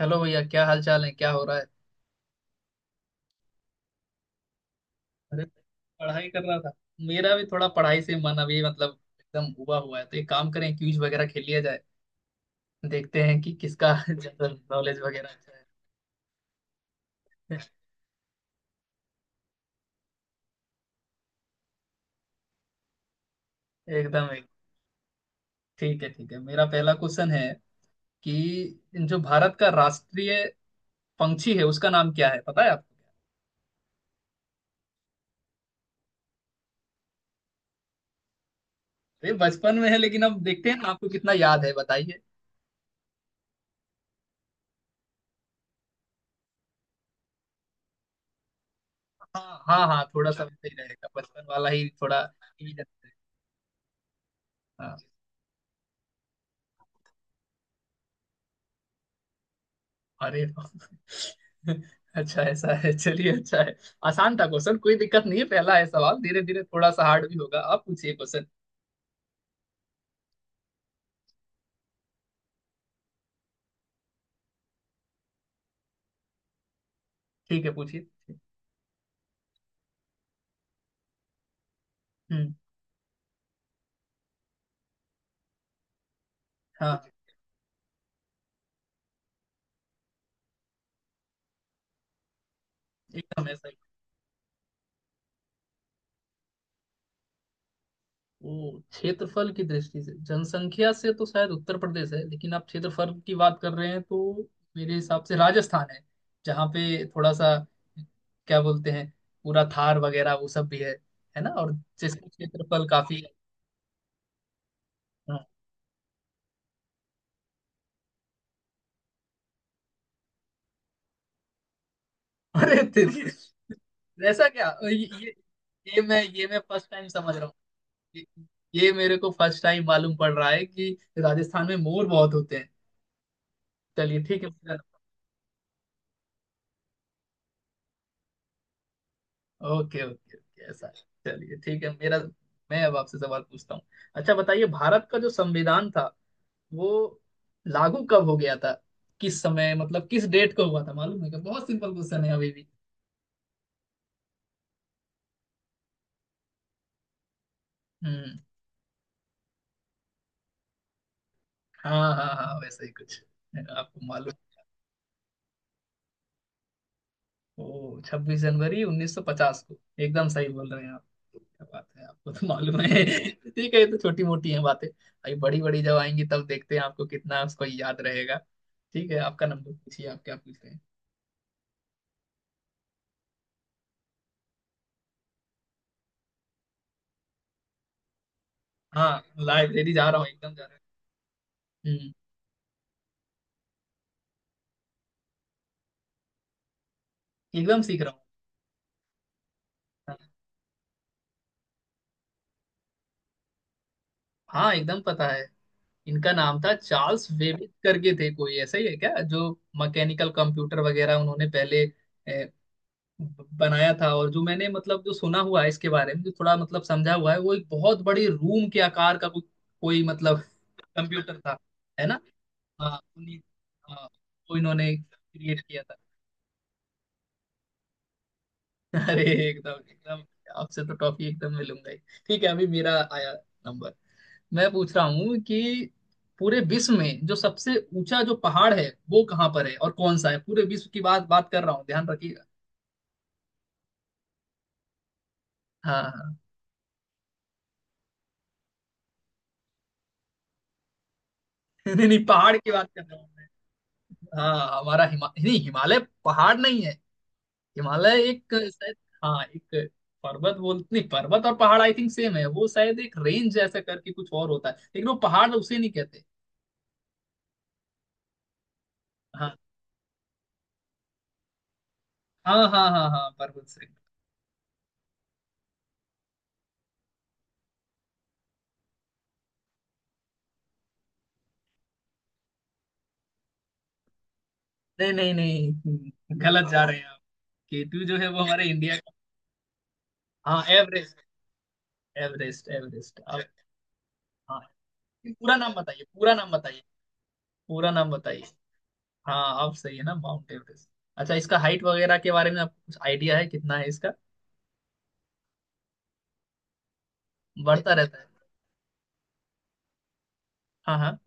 Hello भैया, क्या हाल चाल है? क्या हो रहा है? अरे पढ़ाई कर रहा था। मेरा भी थोड़ा पढ़ाई से मन अभी एकदम उबा हुआ है, तो एक काम करें, क्विज वगैरह खेल लिया जाए। देखते हैं कि किसका जनरल नॉलेज वगैरह अच्छा है। एकदम एक। ठीक है ठीक है, मेरा पहला क्वेश्चन है कि जो भारत का राष्ट्रीय पंछी है, उसका नाम क्या है? पता है आपको? अरे बचपन में है, लेकिन अब देखते हैं ना, आपको कितना याद है, बताइए। हाँ हाँ हाँ, थोड़ा सा वैसे ही रहेगा, बचपन वाला ही थोड़ा easy रहेगा। अरे अच्छा ऐसा है, चलिए अच्छा है। आसान था क्वेश्चन, कोई दिक्कत नहीं है, पहला है सवाल। धीरे धीरे थोड़ा सा हार्ड भी होगा। आप पूछिए क्वेश्चन। ठीक है पूछिए। हम्म। हाँ एकदम ऐसा ही। ओ, क्षेत्रफल की दृष्टि से? जनसंख्या से तो शायद उत्तर प्रदेश है, लेकिन आप क्षेत्रफल की बात कर रहे हैं तो मेरे हिसाब से राजस्थान है, जहाँ पे थोड़ा सा क्या बोलते हैं, पूरा थार वगैरह वो सब भी है ना? और जिसका क्षेत्रफल काफी है। हाँ। अरे तेरी! ऐसा क्या? ये ये मैं फर्स्ट टाइम समझ रहा हूँ। ये, ये मेरे को फर्स्ट टाइम मालूम पड़ रहा है कि राजस्थान में मोर बहुत होते हैं। चलिए ठीक है मेरा। ओके ओके ओके, ऐसा है। चलिए ठीक है मेरा। मैं अब आपसे सवाल पूछता हूँ। अच्छा बताइए, भारत का जो संविधान था, वो लागू कब हो गया था? किस समय, मतलब किस डेट को हुआ था, मालूम है क्या? बहुत सिंपल क्वेश्चन है अभी भी। हम्म। हाँ हाँ हाँ, वैसे ही कुछ। आपको मालूम? ओ, छब्बीस जनवरी उन्नीस सौ पचास को। एकदम सही बोल रहे हैं आप। क्या बात है, आपको तो मालूम है। ठीक है, ये तो छोटी मोटी है बातें, अभी बड़ी बड़ी जब आएंगी तब देखते हैं आपको कितना उसको याद रहेगा। ठीक है, आपका नंबर, पूछिए आप क्या पूछ रहे हैं। हाँ लाइब्रेरी जा रहा हूँ, एकदम जा रहा हूँ। हम्म, एकदम सीख रहा हूँ। हाँ एकदम पता है। इनका नाम था चार्ल्स वेबिज करके, थे कोई ऐसा ही है क्या, जो मैकेनिकल कंप्यूटर वगैरह उन्होंने पहले बनाया था। और जो मैंने जो सुना हुआ है इसके बारे में, जो थोड़ा समझा हुआ है, वो एक बहुत बड़ी रूम के आकार का कोई कोई कंप्यूटर था। है ना? हाँ उन्हीं। हाँ, वो इन्होंने क्रिएट किया था। अरे एकदम एकदम। आपसे तो टॉफी एकदम मिलूंगा ही। ठीक है, अभी मेरा आया नंबर। मैं पूछ रहा हूँ कि पूरे विश्व में जो सबसे ऊंचा जो पहाड़ है, वो कहाँ पर है और कौन सा है? पूरे विश्व की बात बात कर रहा हूँ, ध्यान रखिएगा। हाँ हाँ। नहीं नहीं, पहाड़ की बात कर रहा हूँ। हाँ हमारा हिमा, नहीं हिमालय पहाड़ नहीं है, हिमालय एक शायद। हाँ एक पर्वत, बोल नहीं पर्वत और पहाड़ आई थिंक सेम है, वो शायद एक रेंज जैसा करके कुछ और होता है, लेकिन वो पहाड़ उसे नहीं कहते। हाँ हाँ हाँ हाँ, हाँ पर्वत श्रृंग। नहीं नहीं नहीं, गलत जा रहे हैं आप। केटू जो है वो हमारे इंडिया का हाँ एवरेस्ट, एवरेस्ट एवरेस्ट अब। हाँ पूरा नाम बताइए, पूरा नाम बताइए, पूरा नाम बताइए। हाँ आप सही है ना, माउंट एवरेस्ट। अच्छा इसका हाइट वगैरह के बारे में आपको कुछ आइडिया है, कितना है इसका? बढ़ता रहता है? हाँ हाँ।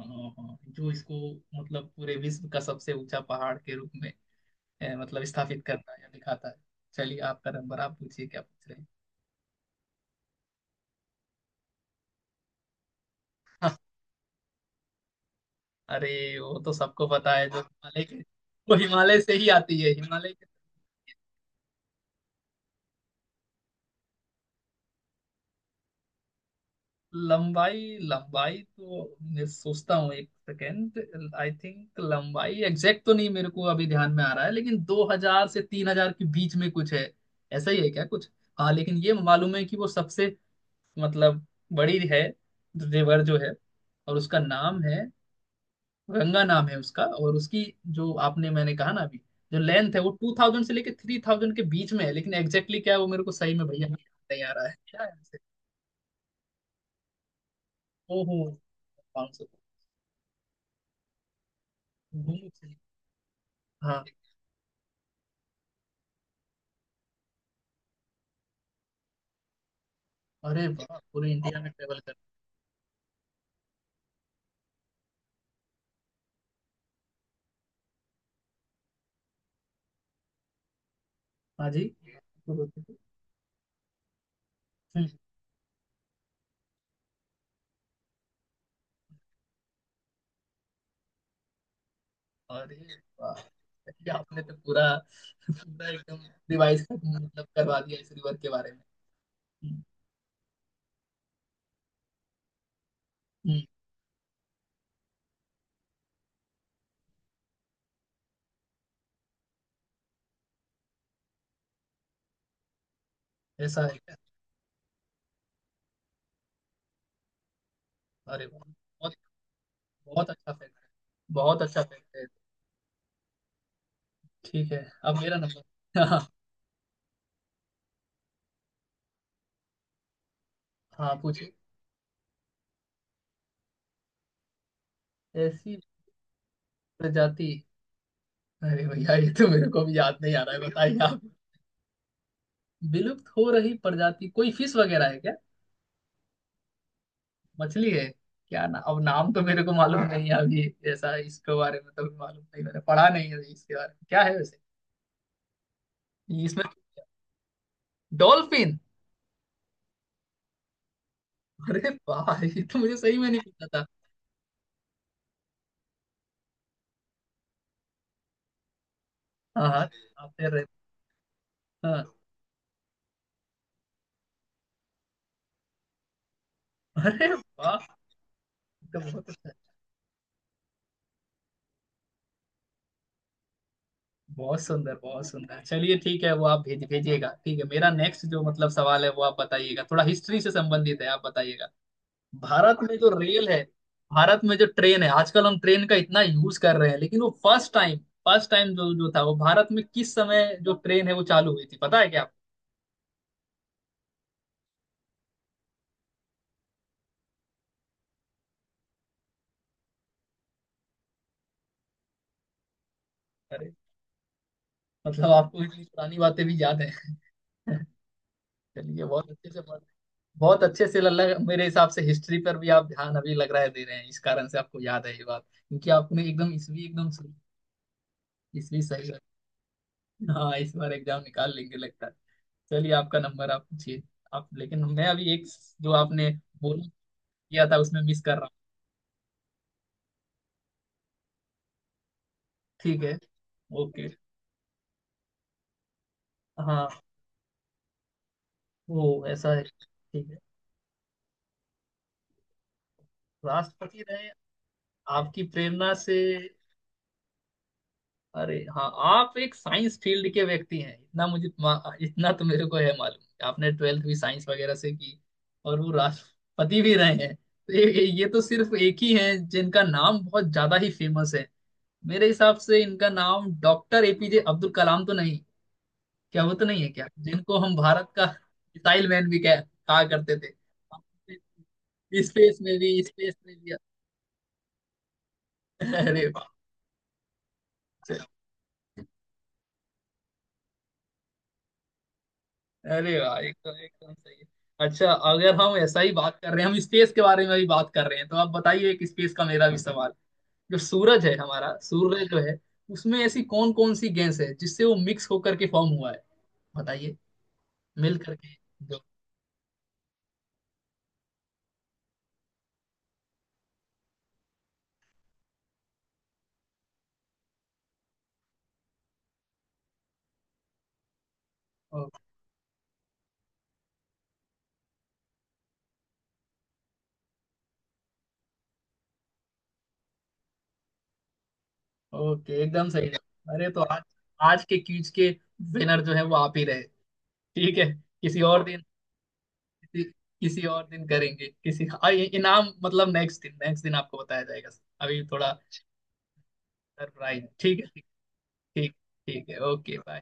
हाँ, जो इसको पूरे विश्व का सबसे ऊंचा पहाड़ के रूप में ए, मतलब स्थापित करता है या दिखाता है। चलिए आपका नंबर, आप पूछिए क्या पूछ रहे हैं। हाँ, अरे वो तो सबको पता है, जो हिमालय के, वो हिमालय से ही आती है, हिमालय के। लंबाई लंबाई तो मैं सोचता हूँ, एक सेकेंड, आई थिंक लंबाई एग्जैक्ट तो नहीं मेरे को अभी ध्यान में आ रहा है, लेकिन 2000 से 3000 के बीच में कुछ है, ऐसा ही है क्या कुछ? हाँ लेकिन ये मालूम है कि वो सबसे मतलब बड़ी है, रिवर जो है, और उसका नाम है, गंगा नाम है उसका। और उसकी, जो आपने मैंने कहा ना अभी, जो लेंथ है, वो 2000 से लेके 3000 के बीच में है, लेकिन एग्जैक्टली क्या है वो मेरे को सही में, भैया नहीं आ रहा है, क्या है वैसे? ओहो। 500। दिल्ली से। हाँ। अरे वाह, पूरे इंडिया में ट्रेवल कर। हाँ जी। हम्म। अरे वाह, ये आपने तो पूरा पूरा एकदम रिवाइज करवा दिया इस रिवर के बारे में। हम्म। हम्म। ऐसा है क्या? अरे वाह, बहुत बहुत अच्छा फैक्ट है, बहुत अच्छा फैक्ट है। ठीक है, अब मेरा नंबर। हाँ। हाँ पूछिए। ऐसी प्रजाति? अरे भैया, ये तो मेरे को भी याद नहीं आ रहा है, बताइए आप। विलुप्त हो रही प्रजाति कोई फिश वगैरह है क्या? मछली है क्या? ना अब नाम तो मेरे को मालूम नहीं है अभी ऐसा। इसके बारे में तो अभी मालूम नहीं, मैंने पढ़ा नहीं है इसके बारे में, क्या है वैसे? इसमें डॉल्फिन? अरे वाह, ये तो मुझे सही में नहीं पता था। हाँ हाँ। आप तैर रहे थे। हाँ अरे वाह, ये तो बहुत अच्छा है। बहुत सुंदर, बहुत सुंदर। चलिए ठीक है, वो आप भेजिएगा। ठीक है, मेरा नेक्स्ट जो सवाल है वो आप बताइएगा, थोड़ा हिस्ट्री से संबंधित है, आप बताइएगा। भारत में जो रेल है भारत में जो ट्रेन है, आजकल हम ट्रेन का इतना यूज कर रहे हैं, लेकिन वो फर्स्ट टाइम जो जो था, वो भारत में किस समय, जो ट्रेन है वो चालू हुई थी, पता है क्या आपको? अरे आपको इतनी पुरानी बातें भी याद है। चलिए बहुत अच्छे से बात, बहुत अच्छे से लग, मेरे हिसाब से हिस्ट्री पर भी आप ध्यान अभी लग रहा है दे रहे हैं, इस कारण से आपको याद है ये बात, क्योंकि आपने एकदम इसवी एकदम सही इसवी सही हाँ इस बार एग्जाम निकाल लेंगे लगता है। चलिए आपका नंबर आप पूछिए। आप, लेकिन मैं अभी एक जो आपने बोला किया था उसमें मिस कर रहा हूँ। ठीक है। ओके। हाँ वो ऐसा है ठीक है। राष्ट्रपति रहे? आपकी प्रेरणा से? अरे हाँ, आप एक साइंस फील्ड के व्यक्ति हैं, इतना मुझे इतना तो मेरे को है मालूम, आपने ट्वेल्थ भी साइंस वगैरह से की। और वो राष्ट्रपति भी रहे हैं, तो ये तो सिर्फ एक ही है जिनका नाम बहुत ज्यादा ही फेमस है, मेरे हिसाब से। इनका नाम डॉक्टर एपीजे अब्दुल कलाम तो नहीं? क्या वो तो नहीं है क्या, जिनको हम भारत का मिसाइल मैन भी कह कहा करते थे? स्पेस में भी, स्पेस में भी। अरे बाप रे! अरे वाह एकदम एकदम सही है। अच्छा, अगर हम ऐसा ही बात कर रहे हैं, हम स्पेस के बारे में भी बात कर रहे हैं, तो आप बताइए, एक स्पेस का मेरा भी सवाल। जो सूरज है, हमारा सूर्य जो है, उसमें ऐसी कौन कौन सी गैस है जिससे वो मिक्स होकर के फॉर्म हुआ है, बताइए। मिल करके। जो ओ- ओके एकदम सही है। अरे तो आज, आज के क्यूज के विनर जो है वो आप ही रहे, ठीक है? किसी और तो दिन, किसी किसी और दिन करेंगे, किसी और, ये इनाम नेक्स्ट दिन, नेक्स्ट दिन आपको बताया जाएगा। अभी थोड़ा सरप्राइज। ठीक है। ठीक ठीक ठीक है। Okay bye.